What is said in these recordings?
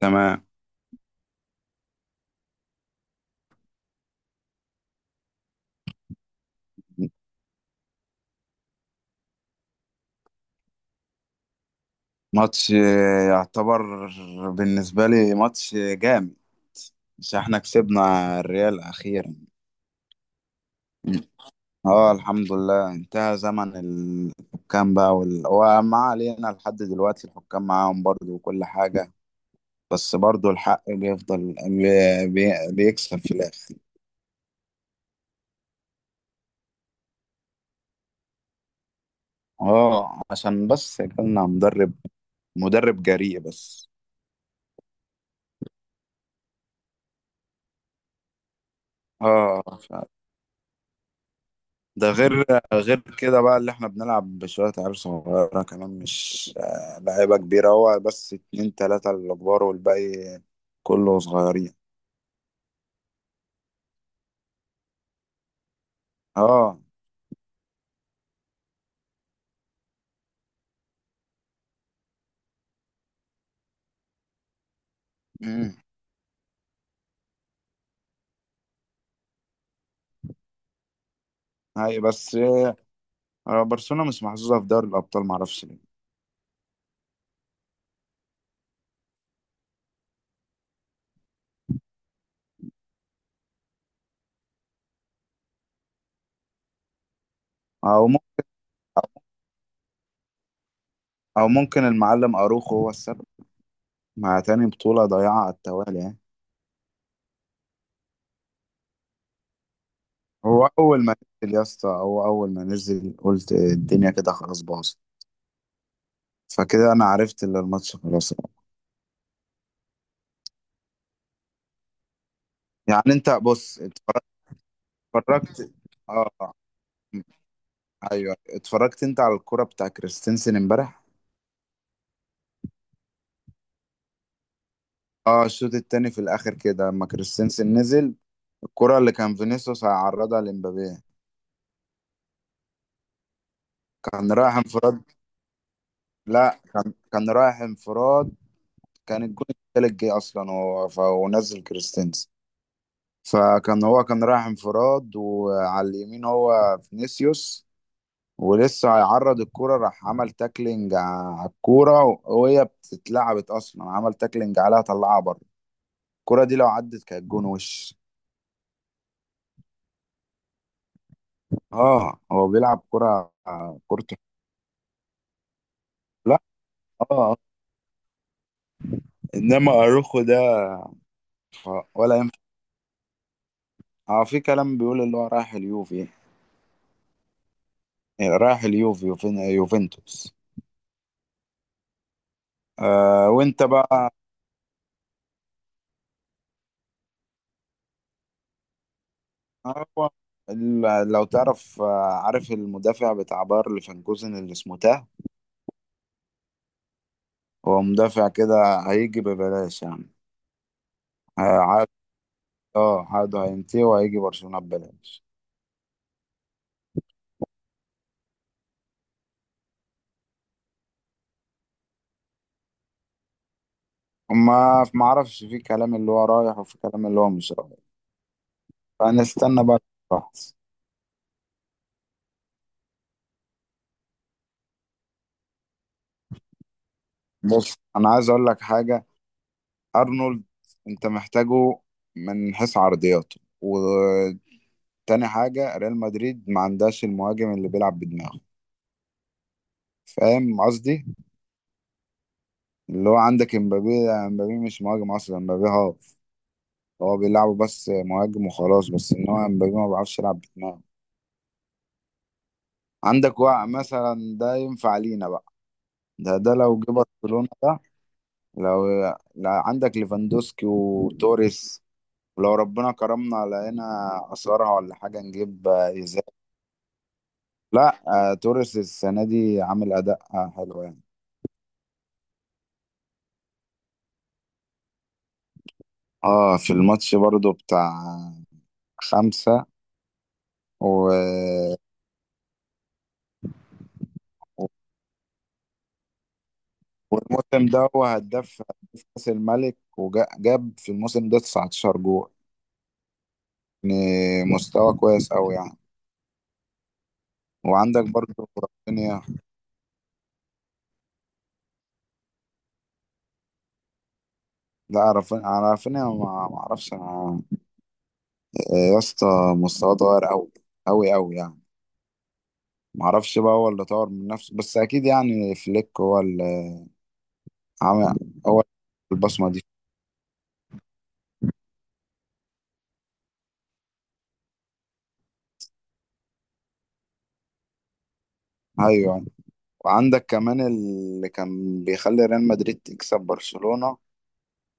تمام. ماتش يعتبر، بالنسبة لي، ماتش جامد، بس احنا كسبنا الريال أخيرا. اه، الحمد لله انتهى زمن الحكام بقى، وما علينا، لحد دلوقتي الحكام معاهم برضو وكل حاجة. بس برضو الحق بيفضل بيكسب في الآخر. اه، عشان بس جالنا مدرب، مدرب جريء بس. اه، ده غير كده بقى اللي احنا بنلعب بشوية عيال صغيرة، كمان مش لعيبة كبيرة، هو بس اتنين تلاتة الكبار والباقي كله صغيرين. اه. امم هاي بس. برشلونة مش محظوظة في دوري الأبطال، معرفش ليه. أو ممكن أو ممكن المعلم أروخو هو السبب، مع تاني بطولة ضايعة على التوالي يعني. هو أول ما هو أول ما نزل قلت الدنيا كده خلاص باظت، فكده أنا عرفت إن الماتش خلاص. يعني أنت بص، اتفرجت؟ اتفرجت- اه، ايوه، اتفرجت انت على الكرة بتاع كريستنسن امبارح؟ اه، الشوط التاني في الاخر كده لما كريستنسن نزل، الكرة اللي كان فينيسيوس هيعرضها لمبابي، كان رايح انفراد. لا، كان رايح انفراد. كان الجون التالت جه اصلا ونزل كريستنسن، فكان هو كان رايح انفراد وعلى اليمين هو فينيسيوس، ولسه هيعرض الكرة، راح عمل تاكلينج على الكورة وهي بتتلعبت اصلا، عمل تاكلينج عليها طلعها بره. الكرة دي لو عدت كانت جون وش. اه، هو بيلعب كرة. كورته. لا. اه. آه. انما اروخو ده، ولا ينفع. اه، في كلام بيقول اللي هو رايح اليوفي. رايح اليوفي، يوفنتوس. آه، وانت بقى؟ هو لو تعرف، عارف المدافع بتاع باير ليفركوزن اللي اسمه تاه؟ هو مدافع كده هيجي ببلاش يعني. عاد، اه، عقده هينتهي وهيجي برشلونة ببلاش. ما اعرفش، في كلام اللي هو رايح وفي كلام اللي هو مش رايح، فنستنى بقى الفحص. بص، انا عايز اقول لك حاجه. ارنولد، انت محتاجه من حيث عرضياته. وتاني حاجه، ريال مدريد ما عندهاش المهاجم اللي بيلعب بدماغه، فاهم قصدي؟ اللي هو عندك امبابي، لا، امبابي مش مهاجم اصلا، امبابي هاف. هو بيلعبه بس مهاجم وخلاص، بس ان هو امبابي ما بيعرفش يلعب بدماغه. عندك وقع مثلا، ده ينفع لينا بقى، ده لو جه برشلونه، ده لو لا، عندك ليفاندوسكي وتوريس، ولو ربنا كرمنا لقينا اثارها ولا حاجه نجيب ازاي. لا، آه، توريس السنه دي عامل اداء حلو يعني. اه، في الماتش برضو بتاع خمسة و... والموسم ده هو هداف كأس الملك وجاب في الموسم ده 19 جول، يعني مستوى كويس أوي يعني. وعندك برضو رافينيا. لا، رافينيا، ما اعرفش انا، يا اسطى، مستواه اتغير أوي أوي أوي يعني. معرفش بقى، هو اللي طور من نفسه، بس اكيد يعني فليك هو اللي عمل هو البصمه دي. ايوه، وعندك كمان اللي كان بيخلي ريال مدريد تكسب برشلونه.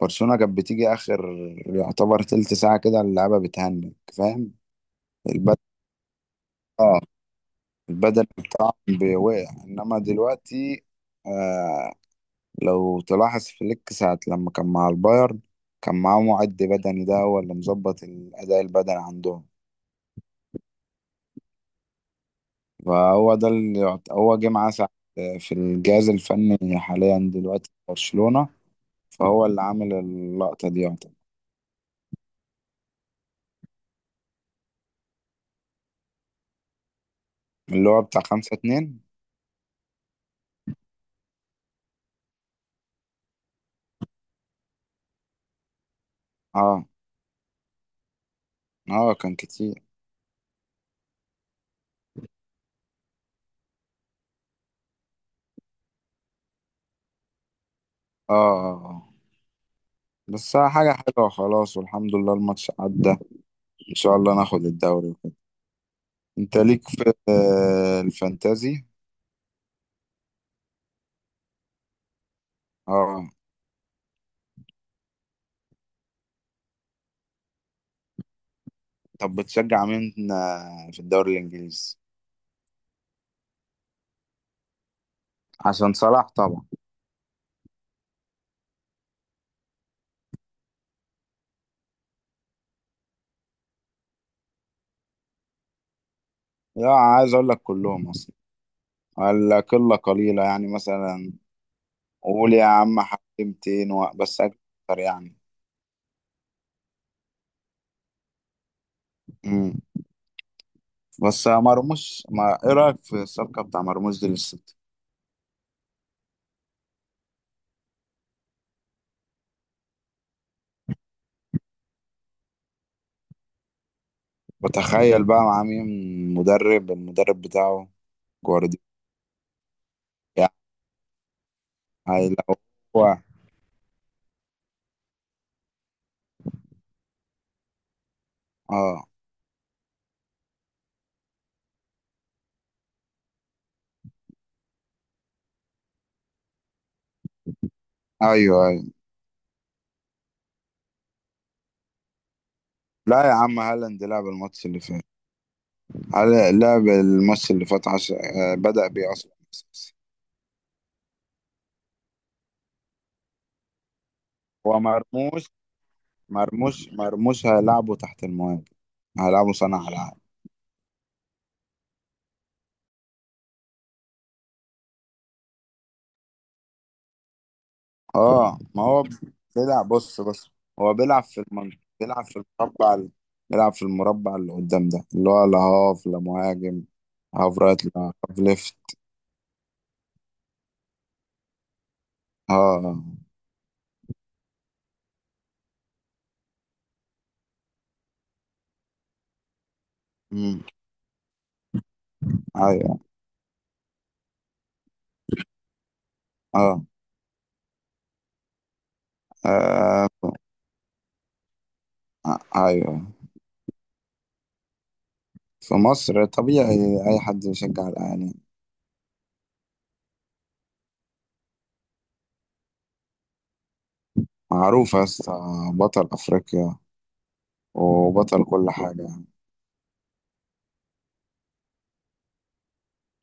برشلونه كانت بتيجي اخر، يعتبر تلت ساعه كده اللعبه بتهنج، فاهم؟ البدل اه البدل بتاعهم بيوقع، انما دلوقتي، آه لو تلاحظ فليك ساعه لما كان مع البايرن، كان معاه معد بدني، ده هو اللي مظبط الاداء البدني عندهم. فهو ده اللي يعت- هو جه معاه ساعة في الجهاز الفني حاليا دلوقتي في برشلونة، فهو اللي عامل اللقطة دي يعتبر. اللي هو بتاع خمسة اتنين. اه. اه، كان كتير. اه. آه. آه. بس حاجة حلوة، خلاص والحمد لله الماتش عدى، ان شاء الله ناخد الدوري وكده. انت ليك في الفانتازي؟ اه. طب بتشجع مين في الدوري الانجليزي؟ عشان صلاح طبعا. لا، عايز اقول لك كلهم اصلا، ولا قلة قليلة يعني، مثلا قول يا عم حكمتين بس اكتر يعني. امم بس مرموش، ما ايه رايك في الصفقه بتاع مرموش دي للسيتي؟ بتخيل بقى مع مين؟ المدرب بتاعه جوارديولا. يعني لو هو، اه، ايوه، ايوه. لا يا عم، هالاند لعب الماتش اللي فات. هل لعب الماتش اللي فات عش... آه، بدأ بيه اصلا أساسي. هو مرموش هيلعبه تحت المهاجم، هيلعبه صانع العاب. اه، ما هو بيلعب، بص بص. هو بيلعب في المنطقة، بيلعب في المربع ال- بيلعب في المربع اللي قدام ده، اللي هو لا هاف لا مهاجم، هاف رايت لا، هاف ليفت. اه. آه. امم ايوه. اه. آه، ايوه. في مصر طبيعي اي حد يشجع الاهلي. معروف يا اسطى، بطل افريقيا وبطل كل حاجه يعني.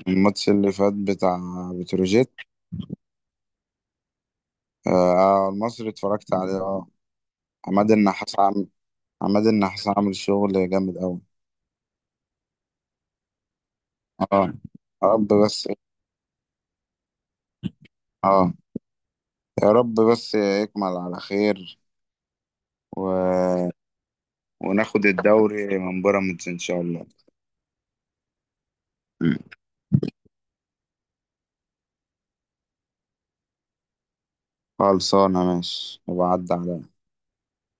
الماتش اللي فات بتاع بتروجيت. آه، المصري اتفرجت عليه، اه. عماد النحاس عماد النحاس عامل شغل جامد أوي. اه، يا رب بس. اه، يا رب بس يكمل على خير و... وناخد الدوري من بيراميدز إن شاء الله. مم. خلصانة ماشي وبعد على